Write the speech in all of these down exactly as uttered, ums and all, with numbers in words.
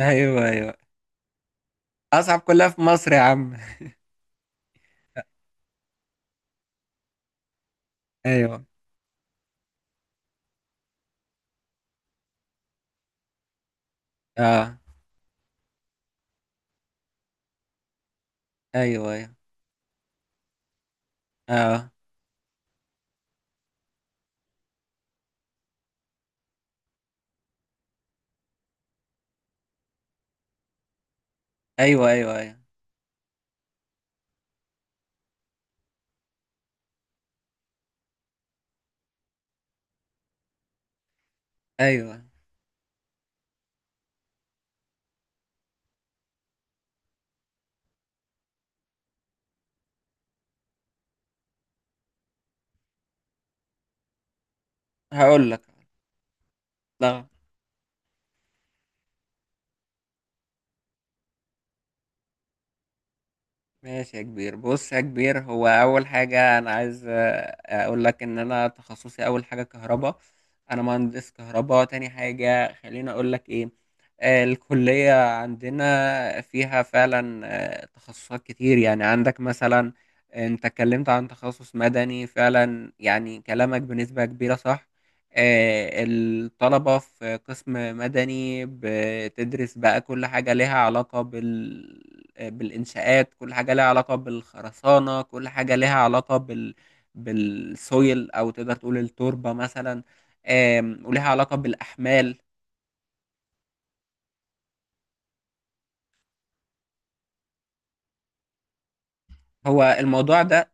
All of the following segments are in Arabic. ايوه ايوه، اصعب كلها في مصر يا عم. ايوه. اه. ايوه ايوه. اه. ايوه ايوه ايوه ايوه. هقول لك لا. ماشي يا كبير، بص يا كبير، هو اول حاجه انا عايز آه، اقول لك ان انا تخصصي اول حاجه كهرباء. انا مهندس كهرباء. تاني حاجه خليني اقول لك ايه. آه، الكليه عندنا فيها فعلا آه، تخصصات كتير، يعني عندك مثلا. آه، انت اتكلمت عن تخصص مدني، فعلا يعني كلامك بنسبه كبيره صح. آه، الطلبة في قسم مدني بتدرس بقى كل حاجة لها علاقة بال... آه، بالإنشاءات، كل حاجة لها علاقة بالخرسانة، كل حاجة لها علاقة بال... بالسويل أو تقدر تقول التربة مثلا، آم، ولها علاقة بالأحمال. هو الموضوع ده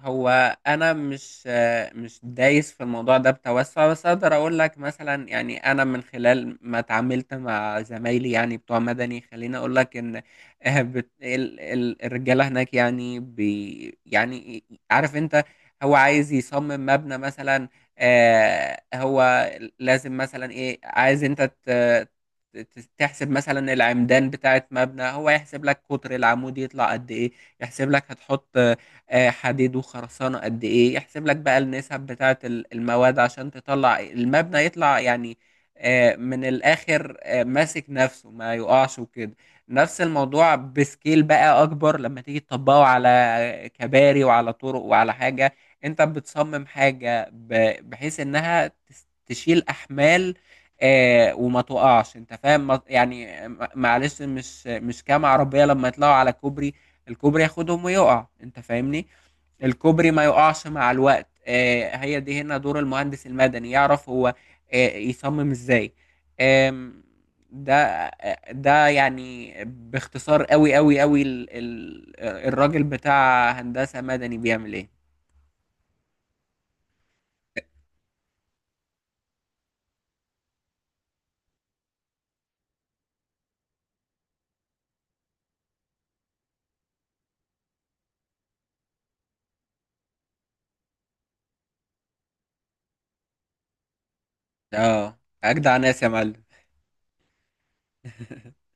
هو انا مش مش دايس في الموضوع ده بتوسع، بس اقدر اقول لك مثلا، يعني انا من خلال ما اتعاملت مع زمايلي يعني بتوع مدني، خليني اقول لك ان آه، بت- ال- ال- الرجاله هناك يعني بي يعني عارف انت، هو عايز يصمم مبنى مثلا. آه، هو لازم مثلا ايه، عايز انت ت- ت- تحسب مثلا العمدان بتاعت مبنى، هو يحسب لك قطر العمود يطلع قد ايه، يحسب لك هتحط آه، حديد وخرسانة قد ايه، يحسب لك بقى النسب بتاعة ال- المواد عشان تطلع المبنى يطلع يعني آه، من الاخر آه، ماسك نفسه ما يقعش وكده. نفس الموضوع بسكيل بقى اكبر لما تيجي تطبقه على كباري وعلى طرق وعلى حاجة. انت بتصمم حاجة ب- بحيث انها تس- تشيل احمال آه وما تقعش، انت فاهم ما- يعني آه، معلش، مش مش كام عربية لما يطلعوا على كوبري، الكوبري ياخدهم ويقع، انت فاهمني. الكوبري ما يقعش مع الوقت. آه، هي دي هنا دور المهندس المدني، يعرف هو آه، يصمم ازاي. آم، ده آه، ده يعني باختصار قوي قوي قوي ال- ال- الراجل بتاع هندسة مدني بيعمل ايه. اه. اجدع ناس يا معلم.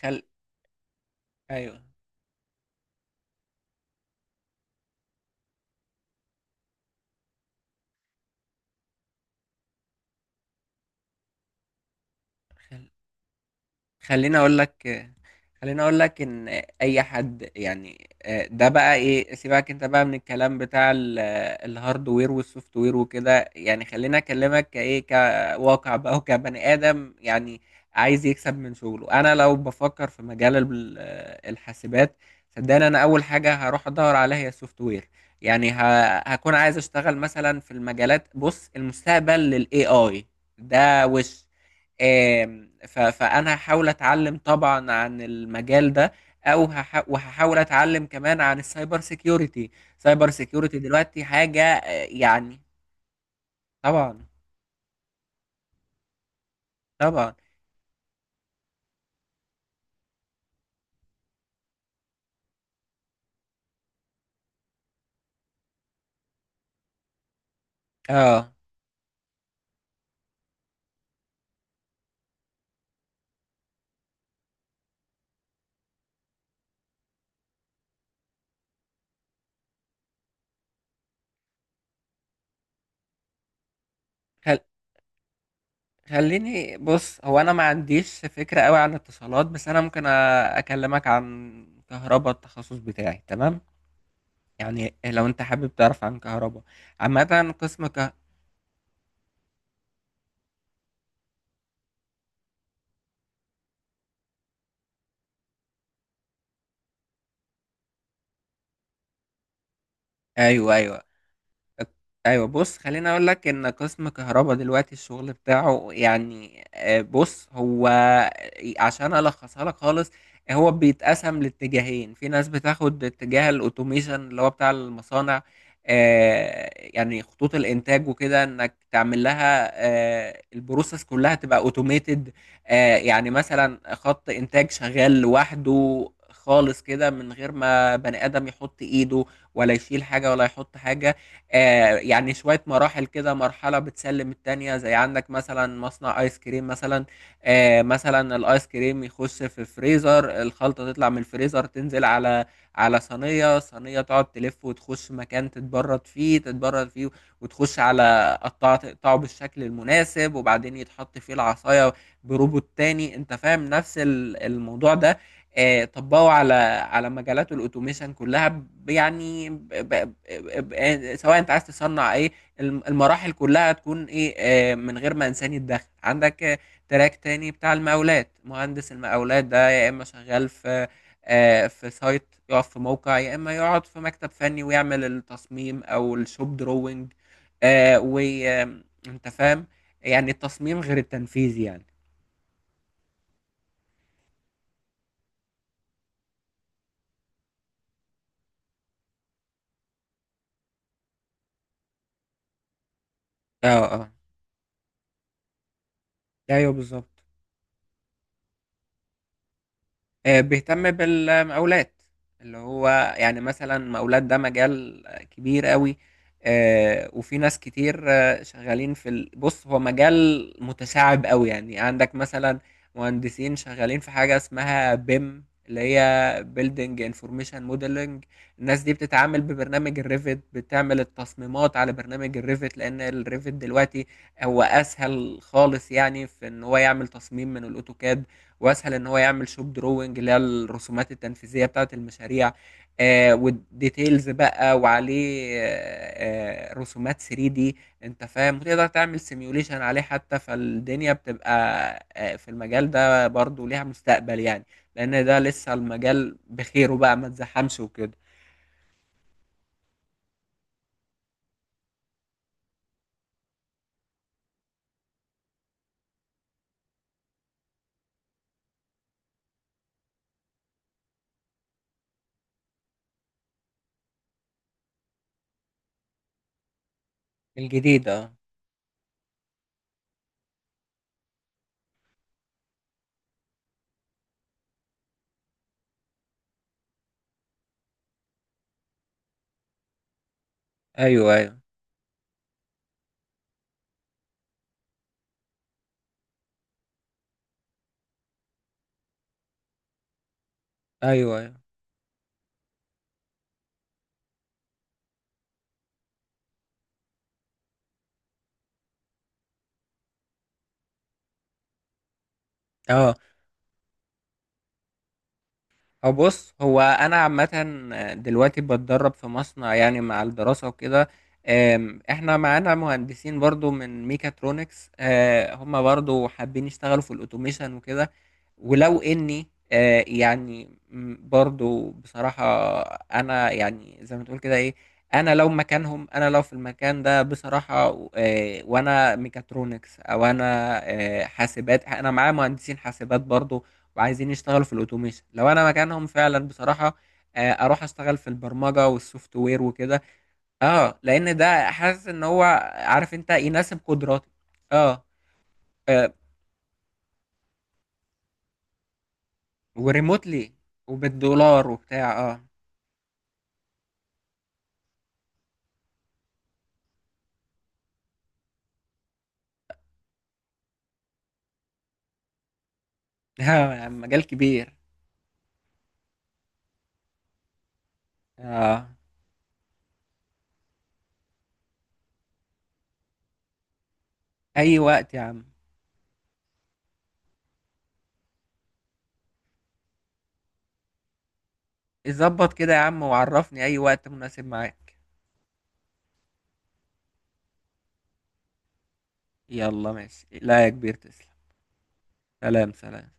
خل ايوه، خليني اقول لك خليني اقول لك ان اي حد يعني آه، ده بقى ايه، سيبك انت بقى من الكلام بتاع ال- الهاردوير والسوفت وير وكده، يعني خليني اكلمك كايه كواقع بقى وكبني ادم. يعني عايز يكسب من شغله. انا لو بفكر في مجال ال- آه، الحاسبات، صدقني انا اول حاجه هروح ادور عليها هي السوفت وير. يعني ه- هكون عايز اشتغل مثلا في المجالات، بص المستقبل للاي اي ده وش. آم، ف- فانا هحاول اتعلم طبعا عن المجال ده، او هح- وهحاول اتعلم كمان عن السايبر سيكيورتي. سايبر سيكيورتي دلوقتي حاجة آه، يعني. طبعا. طبعا. اه. خل- خليني بص، هو انا ما عنديش فكرة قوي عن اتصالات، بس انا ممكن أ- اكلمك عن كهرباء التخصص بتاعي، تمام؟ يعني لو انت حابب تعرف عن كهرباء عامة، قسم ك... ايوه ايوه ايوه. بص خليني اقول لك ان قسم كهرباء دلوقتي الشغل بتاعه يعني آه، بص هو آه، عشان الخصها لك خالص، هو بيتقسم لاتجاهين. في ناس بتاخد اتجاه الاوتوميشن، اللي هو بتاع المصانع، آه، يعني خطوط الانتاج وكده، انك تعمل لها آه، البروسيس كلها تبقى اوتوميتد. يعني مثلا خط انتاج شغال لوحده خالص كده من غير ما بني ادم يحط ايده، ولا يشيل حاجه ولا يحط حاجه. آه، يعني شوية مراحل كده مرحلة بتسلم التانية، زي عندك مثلا مصنع ايس كريم مثلا. آه، مثلا الايس كريم يخش في الفريزر، الخلطة تطلع من الفريزر تنزل على على صينية، صينية تقعد تلف وتخش مكان تتبرد فيه تتبرد فيه، وتخش على قطعة تقطعه بالشكل المناسب، وبعدين يتحط فيه العصاية بروبوت تاني، انت فاهم نفس ال- الموضوع ده آه، طبقوا على على مجالات الاوتوميشن كلها ب- يعني ب- ب- ب- آه، سواء انت عايز تصنع ايه، الم- المراحل كلها تكون ايه، آه، من غير ما انسان يتدخل. عندك آه، تراك تاني بتاع المقاولات، مهندس المقاولات ده يا اما شغال في آه، في سايت، يقف في موقع، يا اما يقعد في مكتب فني ويعمل التصميم او الشوب دروينج، وانت فاهم يعني التصميم غير التنفيذ يعني. اه. اه ايوه بالظبط. آه، بيهتم بالمقاولات اللي هو، يعني مثلا مقاولات ده مجال كبير قوي آه، وفي ناس كتير آه، شغالين في ال- بص هو مجال متشعب قوي. يعني عندك مثلا مهندسين شغالين في حاجة اسمها بيم، اللي هي بيلدينج انفورميشن موديلنج. الناس دي بتتعامل ببرنامج الريفت، بتعمل التصميمات على برنامج الريفت، لان الريفت دلوقتي هو اسهل خالص، يعني في ان هو يعمل تصميم من الاوتوكاد، واسهل ان هو يعمل شوب دروينج اللي هي الرسومات التنفيذيه بتاعه المشاريع آه والديتيلز بقى، وعليه آه آه، رسومات ثري دي، انت فاهم، وتقدر تعمل سيميوليشن عليه حتى. فالدنيا بتبقى آه في المجال ده برضو ليها مستقبل يعني، لان ده لسه المجال بخيره بقى، ما تزحمش وكده. الجديد اه. ايوه ايوه ايوه ايوه. اه. هو بص هو انا عامه دلوقتي بتدرب في مصنع يعني مع الدراسه وكده. آم، احنا معانا مهندسين برضو من ميكاترونكس، آه، هم برضو حابين يشتغلوا في الاوتوميشن وكده، ولو اني آه يعني م- برضو بصراحة، انا يعني زي ما تقول كده ايه، انا لو مكانهم، انا لو في المكان ده بصراحة آه وانا ميكاترونكس، او انا آه حاسبات، انا معايا مهندسين حاسبات برضو وعايزين يشتغلوا في الاوتوميشن، لو انا مكانهم فعلا بصراحة آه اروح اشتغل في البرمجة والسوفت وير وكده. اه لان ده حاسس ان هو، عارف انت، يناسب قدراتي. اه. آه وريموتلي وبالدولار وبتاع، اه. آه يا عم مجال كبير. اه. اي وقت يا عم. ظبط كده يا عم وعرفني اي وقت مناسب معاك. يلا ماشي، لا يا كبير تسلم. سلام. سلام.